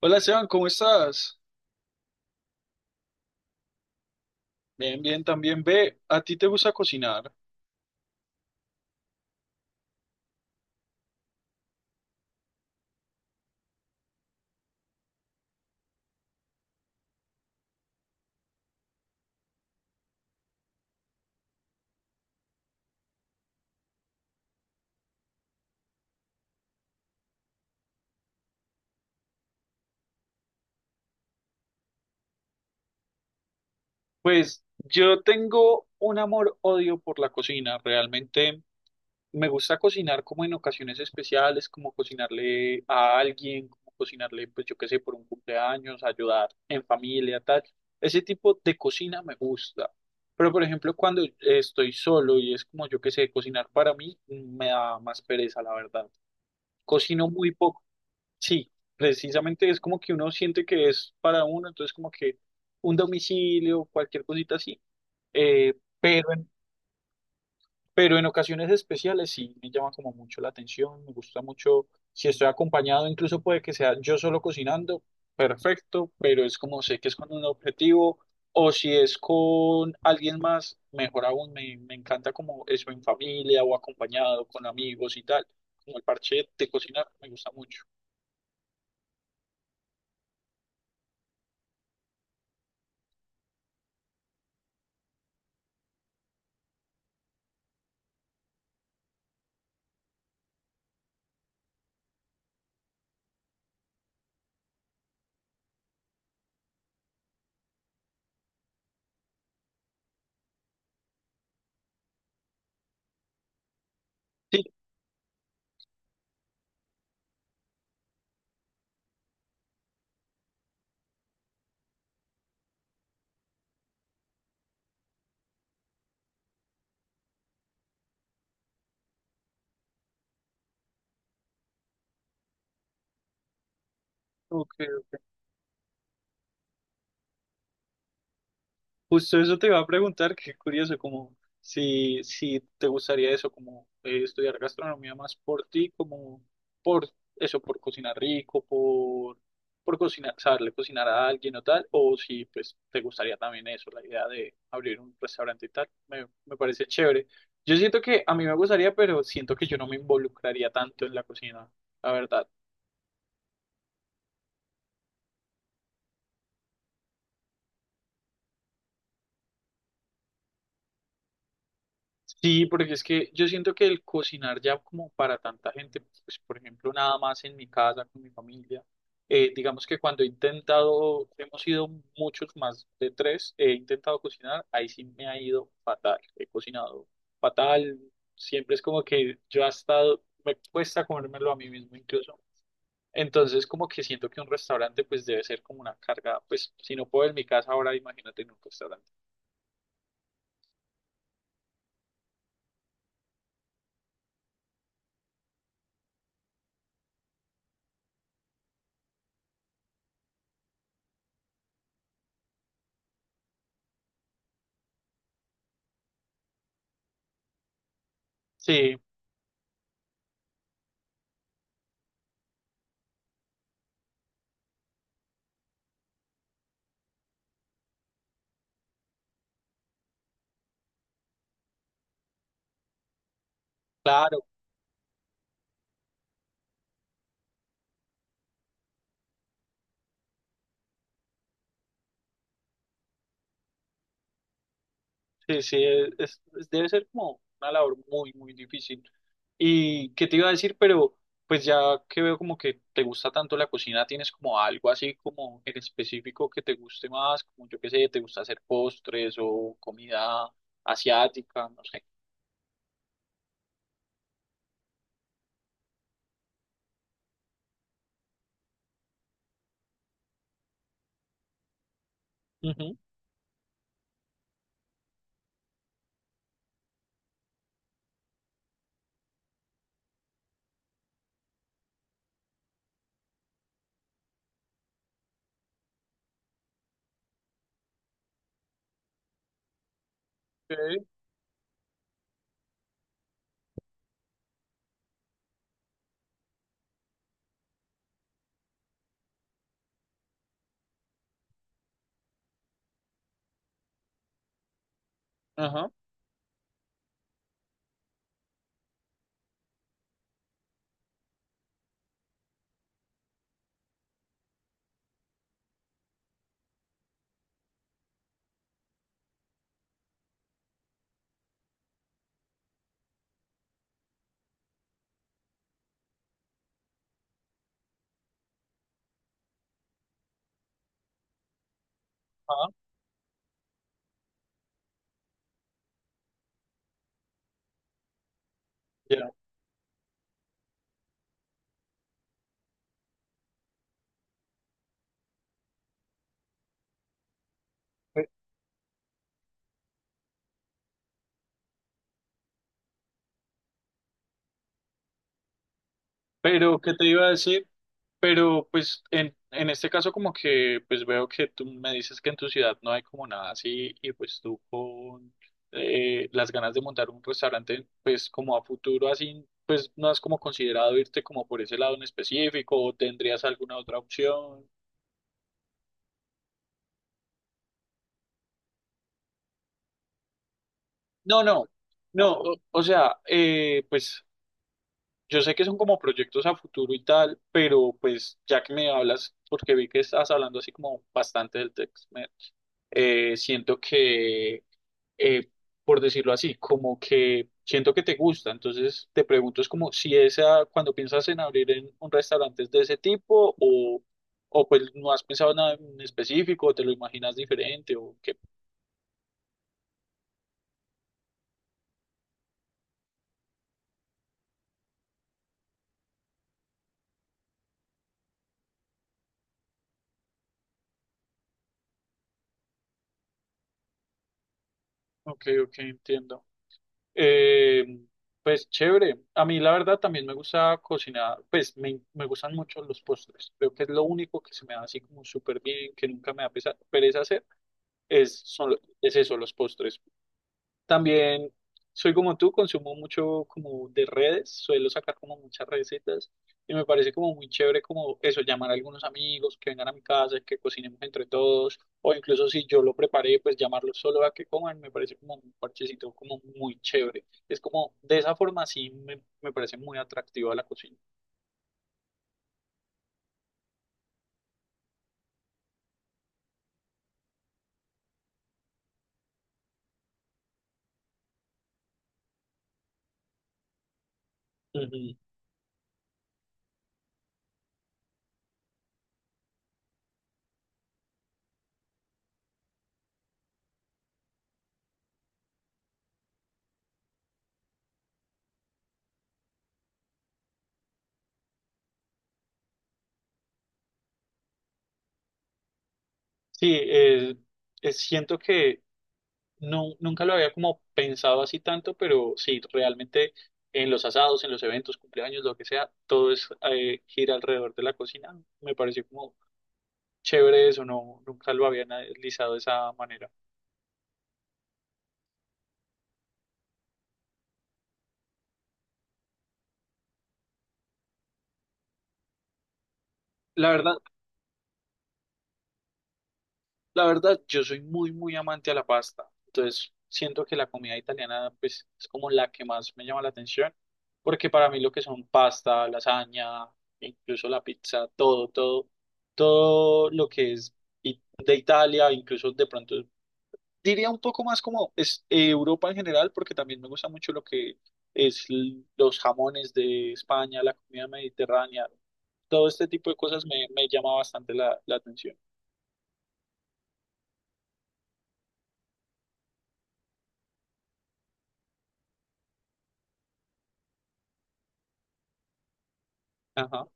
Hola Esteban, ¿cómo estás? Bien, bien, también ve, ¿a ti te gusta cocinar? Pues yo tengo un amor-odio por la cocina. Realmente me gusta cocinar como en ocasiones especiales, como cocinarle a alguien, como cocinarle, pues yo qué sé, por un cumpleaños, ayudar en familia, tal. Ese tipo de cocina me gusta. Pero por ejemplo, cuando estoy solo y es como yo qué sé, cocinar para mí, me da más pereza, la verdad. Cocino muy poco. Sí, precisamente es como que uno siente que es para uno, entonces como que un domicilio, cualquier cosita así, eh, pero en, pero en ocasiones especiales sí me llama como mucho la atención, me gusta mucho. Si estoy acompañado, incluso puede que sea yo solo cocinando, perfecto, pero es como sé que es con un objetivo, o si es con alguien más, mejor aún, me encanta como eso en familia o acompañado con amigos y tal, como el parche de cocinar, me gusta mucho. Sí, ok. Justo eso te iba a preguntar, qué curioso, como si te gustaría eso, como estudiar gastronomía más por ti, como por eso, por cocinar rico, por cocinar, saberle cocinar a alguien o tal, o si pues te gustaría también eso, la idea de abrir un restaurante y tal. Me parece chévere. Yo siento que a mí me gustaría, pero siento que yo no me involucraría tanto en la cocina, la verdad. Sí, porque es que yo siento que el cocinar ya como para tanta gente, pues por ejemplo, nada más en mi casa, con mi familia, digamos que cuando he intentado, hemos sido muchos más de 3, he intentado cocinar, ahí sí me ha ido fatal, he cocinado fatal, siempre es como que yo hasta me cuesta comérmelo a mí mismo incluso. Entonces como que siento que un restaurante pues debe ser como una carga, pues si no puedo en mi casa ahora, imagínate en un restaurante. Sí. Claro. Sí, sí, debe ser como una labor muy, muy difícil. ¿Y qué te iba a decir? Pero pues ya que veo como que te gusta tanto la cocina, ¿tienes como algo así como en específico que te guste más? Como yo qué sé, ¿te gusta hacer postres o comida asiática? No sé. Ujú, ok. Ajá. Ah, ya. Pero, ¿qué te iba a decir? Pero, pues, en este caso como que, pues veo que tú me dices que en tu ciudad no hay como nada así y pues tú con las ganas de montar un restaurante, pues como a futuro así, pues no has como considerado irte como por ese lado en específico o tendrías alguna otra opción. No, no, no, o sea, pues yo sé que son como proyectos a futuro y tal, pero pues ya que me hablas, porque vi que estás hablando así como bastante del tex, siento que, eh, por decirlo así, como que siento que te gusta. Entonces te pregunto, es como si esa, cuando piensas en abrir en un restaurante es de ese tipo o pues no has pensado nada en específico, o te lo imaginas diferente o qué. Ok, ok, entiendo. Eh, pues chévere. A mí la verdad también me gusta cocinar, pues me gustan mucho los postres. Creo que es lo único que se me da así como súper bien, que nunca me da pereza hacer, es eso, los postres. También soy como tú, consumo mucho como de redes, suelo sacar como muchas recetas y me parece como muy chévere como eso, llamar a algunos amigos que vengan a mi casa, que cocinemos entre todos, o incluso si yo lo preparé, pues llamarlos solo a que coman, me parece como un parchecito como muy chévere. Es como, de esa forma sí me parece muy atractiva la cocina. Ujú. Sí, siento que no, nunca lo había como pensado así tanto, pero sí, realmente en los asados, en los eventos, cumpleaños, lo que sea, todo es gira alrededor de la cocina. Me pareció como chévere eso, no, nunca lo había analizado de esa manera. La verdad, La verdad, yo soy muy, muy amante a la pasta. Entonces, siento que la comida italiana, pues, es como la que más me llama la atención, porque para mí lo que son pasta, lasaña, incluso la pizza, todo, todo, todo lo que es de Italia, incluso de pronto, diría un poco más como es Europa en general, porque también me gusta mucho lo que es los jamones de España, la comida mediterránea, todo este tipo de cosas me llama bastante la atención. Ajá.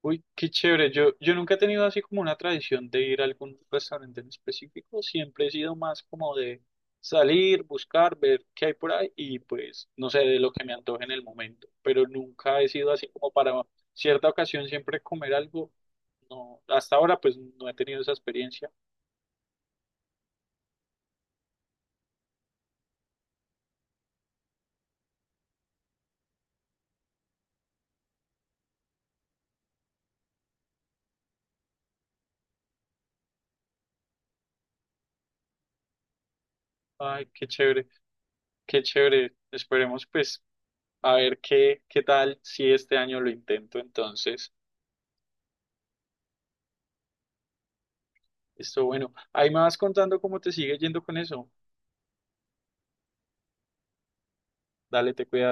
Uy, qué chévere. Yo nunca he tenido así como una tradición de ir a algún restaurante en específico. Siempre he sido más como de salir, buscar, ver qué hay por ahí y pues, no sé, de lo que me antoje en el momento. Pero nunca he sido así como para cierta ocasión siempre comer algo. No, hasta ahora pues no he tenido esa experiencia. Ay, qué chévere, qué chévere. Esperemos pues a ver qué, qué tal si este año lo intento. Entonces, esto bueno. Ahí me vas contando cómo te sigue yendo con eso. Dale, te cuidas.